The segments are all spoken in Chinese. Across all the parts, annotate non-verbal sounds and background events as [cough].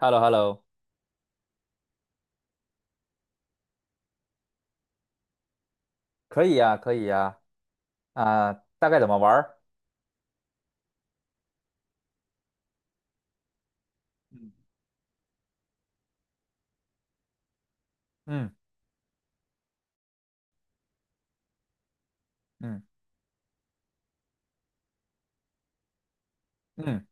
h e l l o h e l l o 可以呀，可以呀，啊，大概怎么玩儿？嗯，嗯嗯嗯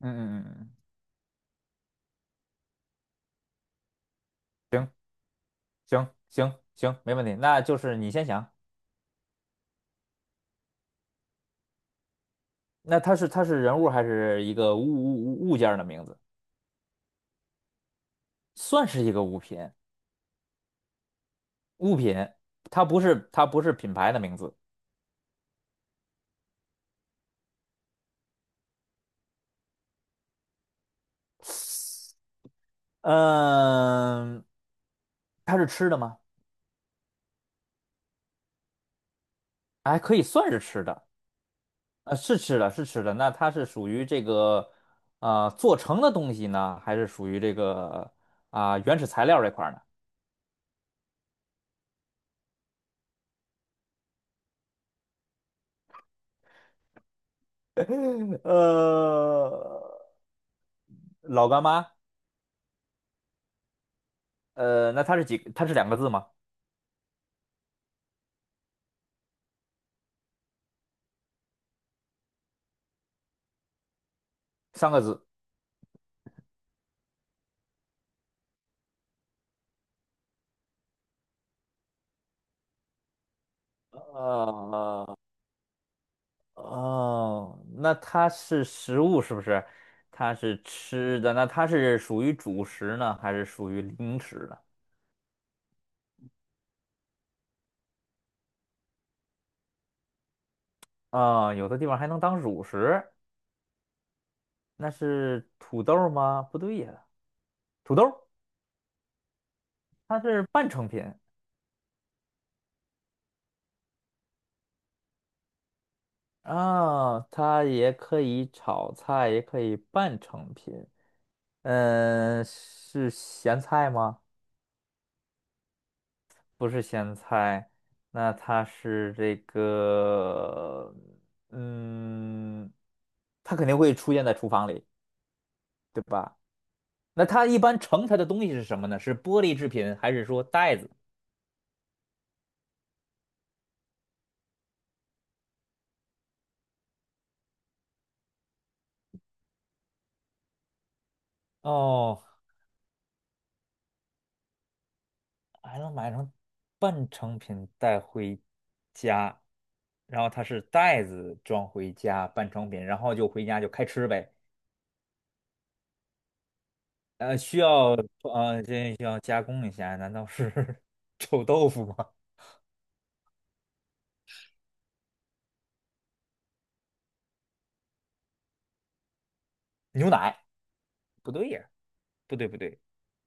嗯嗯嗯嗯，行行行行，没问题。那就是你先想，那它是人物还是一个物件儿的名字？算是一个物品，物品，它不是品牌的名字。嗯，它是吃的吗？哎，可以算是吃的。是吃的，是吃的。那它是属于这个啊、做成的东西呢，还是属于这个啊、原始材料这块儿呢？[laughs] 呃，老干妈，那它是几？它是两个字吗？三个字？呃，哦，那它是食物是不是？它是吃的，那它是属于主食呢，还是属于零食呢？啊、有的地方还能当主食，那是土豆吗？不对呀，土豆。它是半成品啊，它也可以炒菜，也可以半成品。嗯，是咸菜吗？不是咸菜，那它是这个，嗯，它肯定会出现在厨房里。那它一般盛它的东西是什么呢？是玻璃制品，还是说袋子？哦，还能买成半成品带回家，然后它是袋子装回家半成品，然后就回家就开吃呗。呃，需要这需要加工一下，难道是 [laughs] 臭豆腐吗？牛奶？不对呀，不对不对，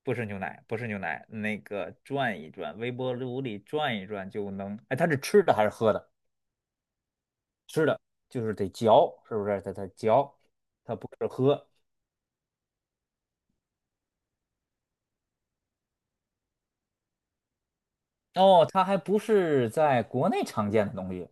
不是牛奶，不是牛奶，那个转一转，微波炉里转一转就能。哎，它是吃的还是喝的？吃的，就是得嚼，是不是？它嚼，它不是喝。哦，它还不是在国内常见的东西，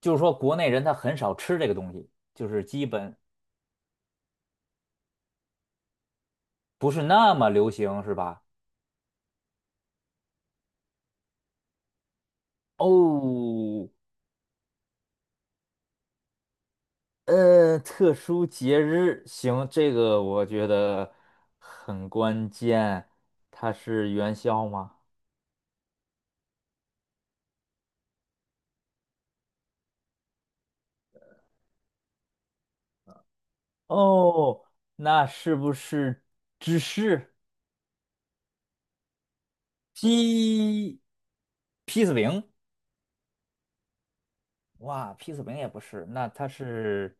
就是说国内人他很少吃这个东西，就是基本不是那么流行，是吧？哦，特殊节日，行，这个我觉得很关键，它是元宵吗？哦，那是不是芝士鸡披萨饼？哇，披萨饼也不是，那它是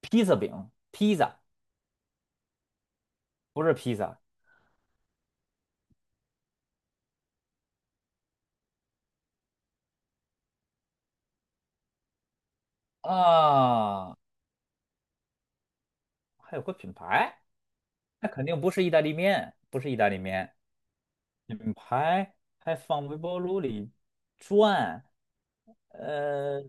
披萨饼，披萨不是披萨。啊，还有个品牌，那肯定不是意大利面，不是意大利面，品牌还放微波炉里转，呃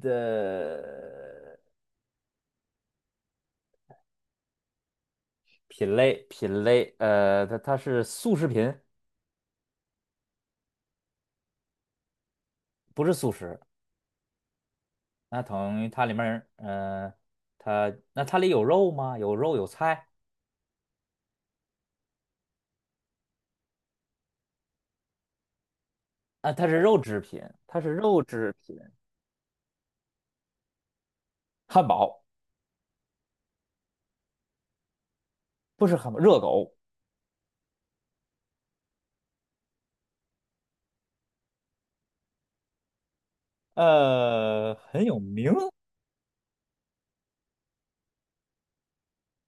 的品类品类，它是速食品，不是速食，那等于它里面儿，它那它里有肉吗？有肉有菜啊，它是肉制品，它是肉制品，汉堡不是汉堡，热狗，很有名，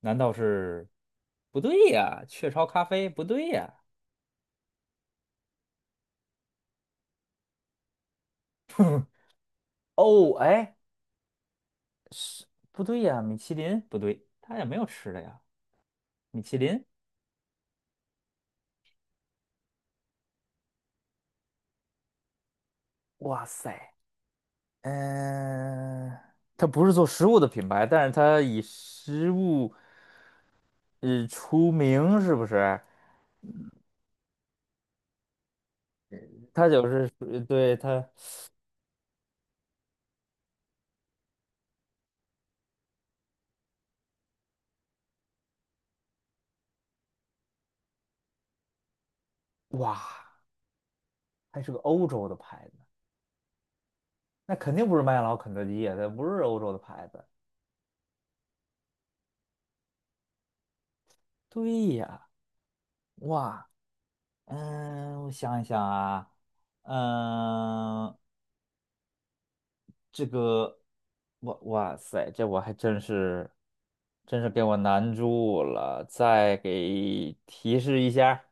难道是？不对呀，雀巢咖啡不对呀。哦，哎，不对呀，米其林不对，它也没有吃的呀。米其林，哇塞，嗯、它不是做食物的品牌，但是它以食物出名，是不是？它就是对它，哇，还是个欧洲的牌子，那肯定不是麦当劳、肯德基呀，它不是欧洲的牌子。对呀，哇，嗯，我想一想啊，嗯，这个，哇塞，这我还真是，真是给我难住了。再给提示一下，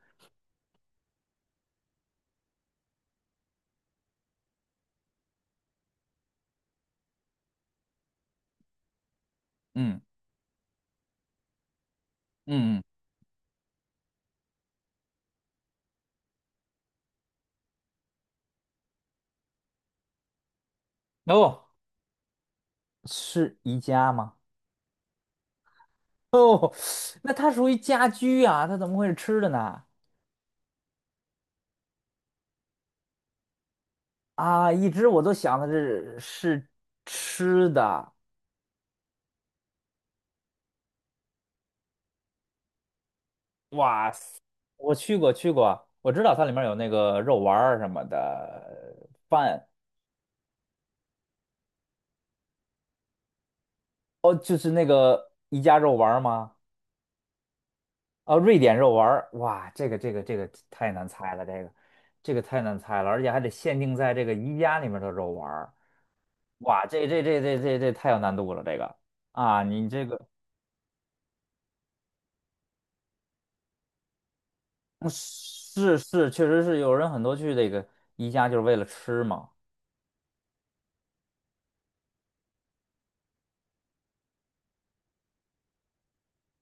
嗯嗯，嗯哦，是宜家吗？[laughs] 哦，那它属于家居啊，它怎么会是吃的呢？啊，一直我都想的是吃的。哇塞，我去过去过，我知道它里面有那个肉丸儿什么的饭，哦，就是那个宜家肉丸儿吗？啊，瑞典肉丸儿，哇，这个太难猜了，这个太难猜了，而且还得限定在这个宜家里面的肉丸儿，哇，这太有难度了，这个啊，你这个嗯是是，确实是有人很多去这个宜家就是为了吃嘛，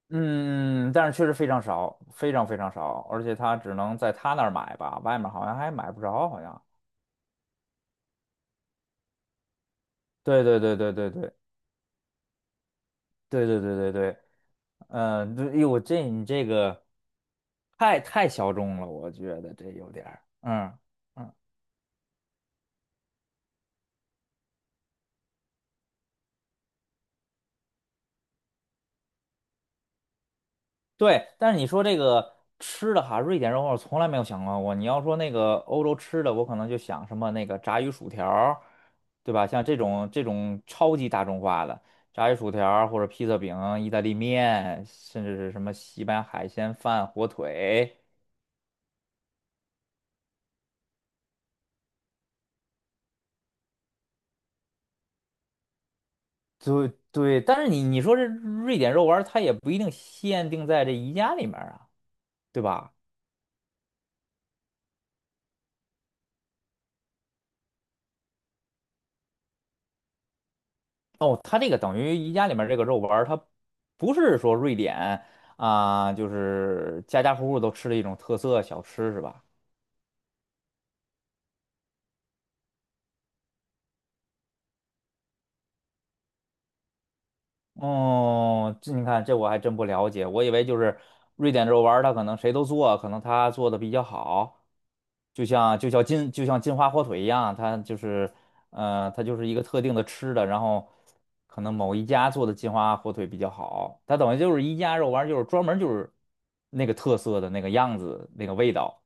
嗯，但是确实非常少，非常非常少，而且他只能在他那儿买吧，外面好像还买不着，好像，对对对对对对。对对对对对，嗯、对，哎呦，我这你这个太小众了，我觉得这有点儿，嗯嗯，对。但是你说这个吃的哈，瑞典肉我从来没有想到过。你要说那个欧洲吃的，我可能就想什么那个炸鱼薯条儿，对吧？像这种超级大众化的炸鱼薯条儿或者披萨饼、意大利面，甚至是什么西班牙海鲜饭、火腿。对对，但是你说这瑞典肉丸儿，它也不一定限定在这宜家里面儿啊，对吧？哦，它这个等于宜家里面儿这个肉丸儿，它不是说瑞典啊，就是家家户户都吃的一种特色小吃是吧？哦，这你看这我还真不了解，我以为就是瑞典肉丸儿，它可能谁都做，可能它做的比较好，就像金华火腿一样，它就是，它就是一个特定的吃的，然后可能某一家做的金华火腿比较好，它等于就是一家肉丸就是专门就是那个特色的那个样子，那个味道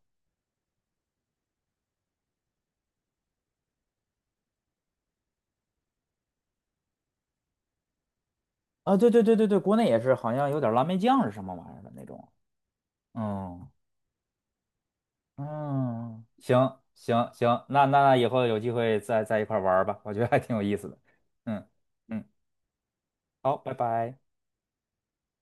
啊，对对对对对，国内也是，好像有点蓝莓酱是什么玩意儿的那种，嗯嗯，行行行，那以后有机会再一块儿玩儿吧，我觉得还挺有意思的，嗯嗯，好，拜拜。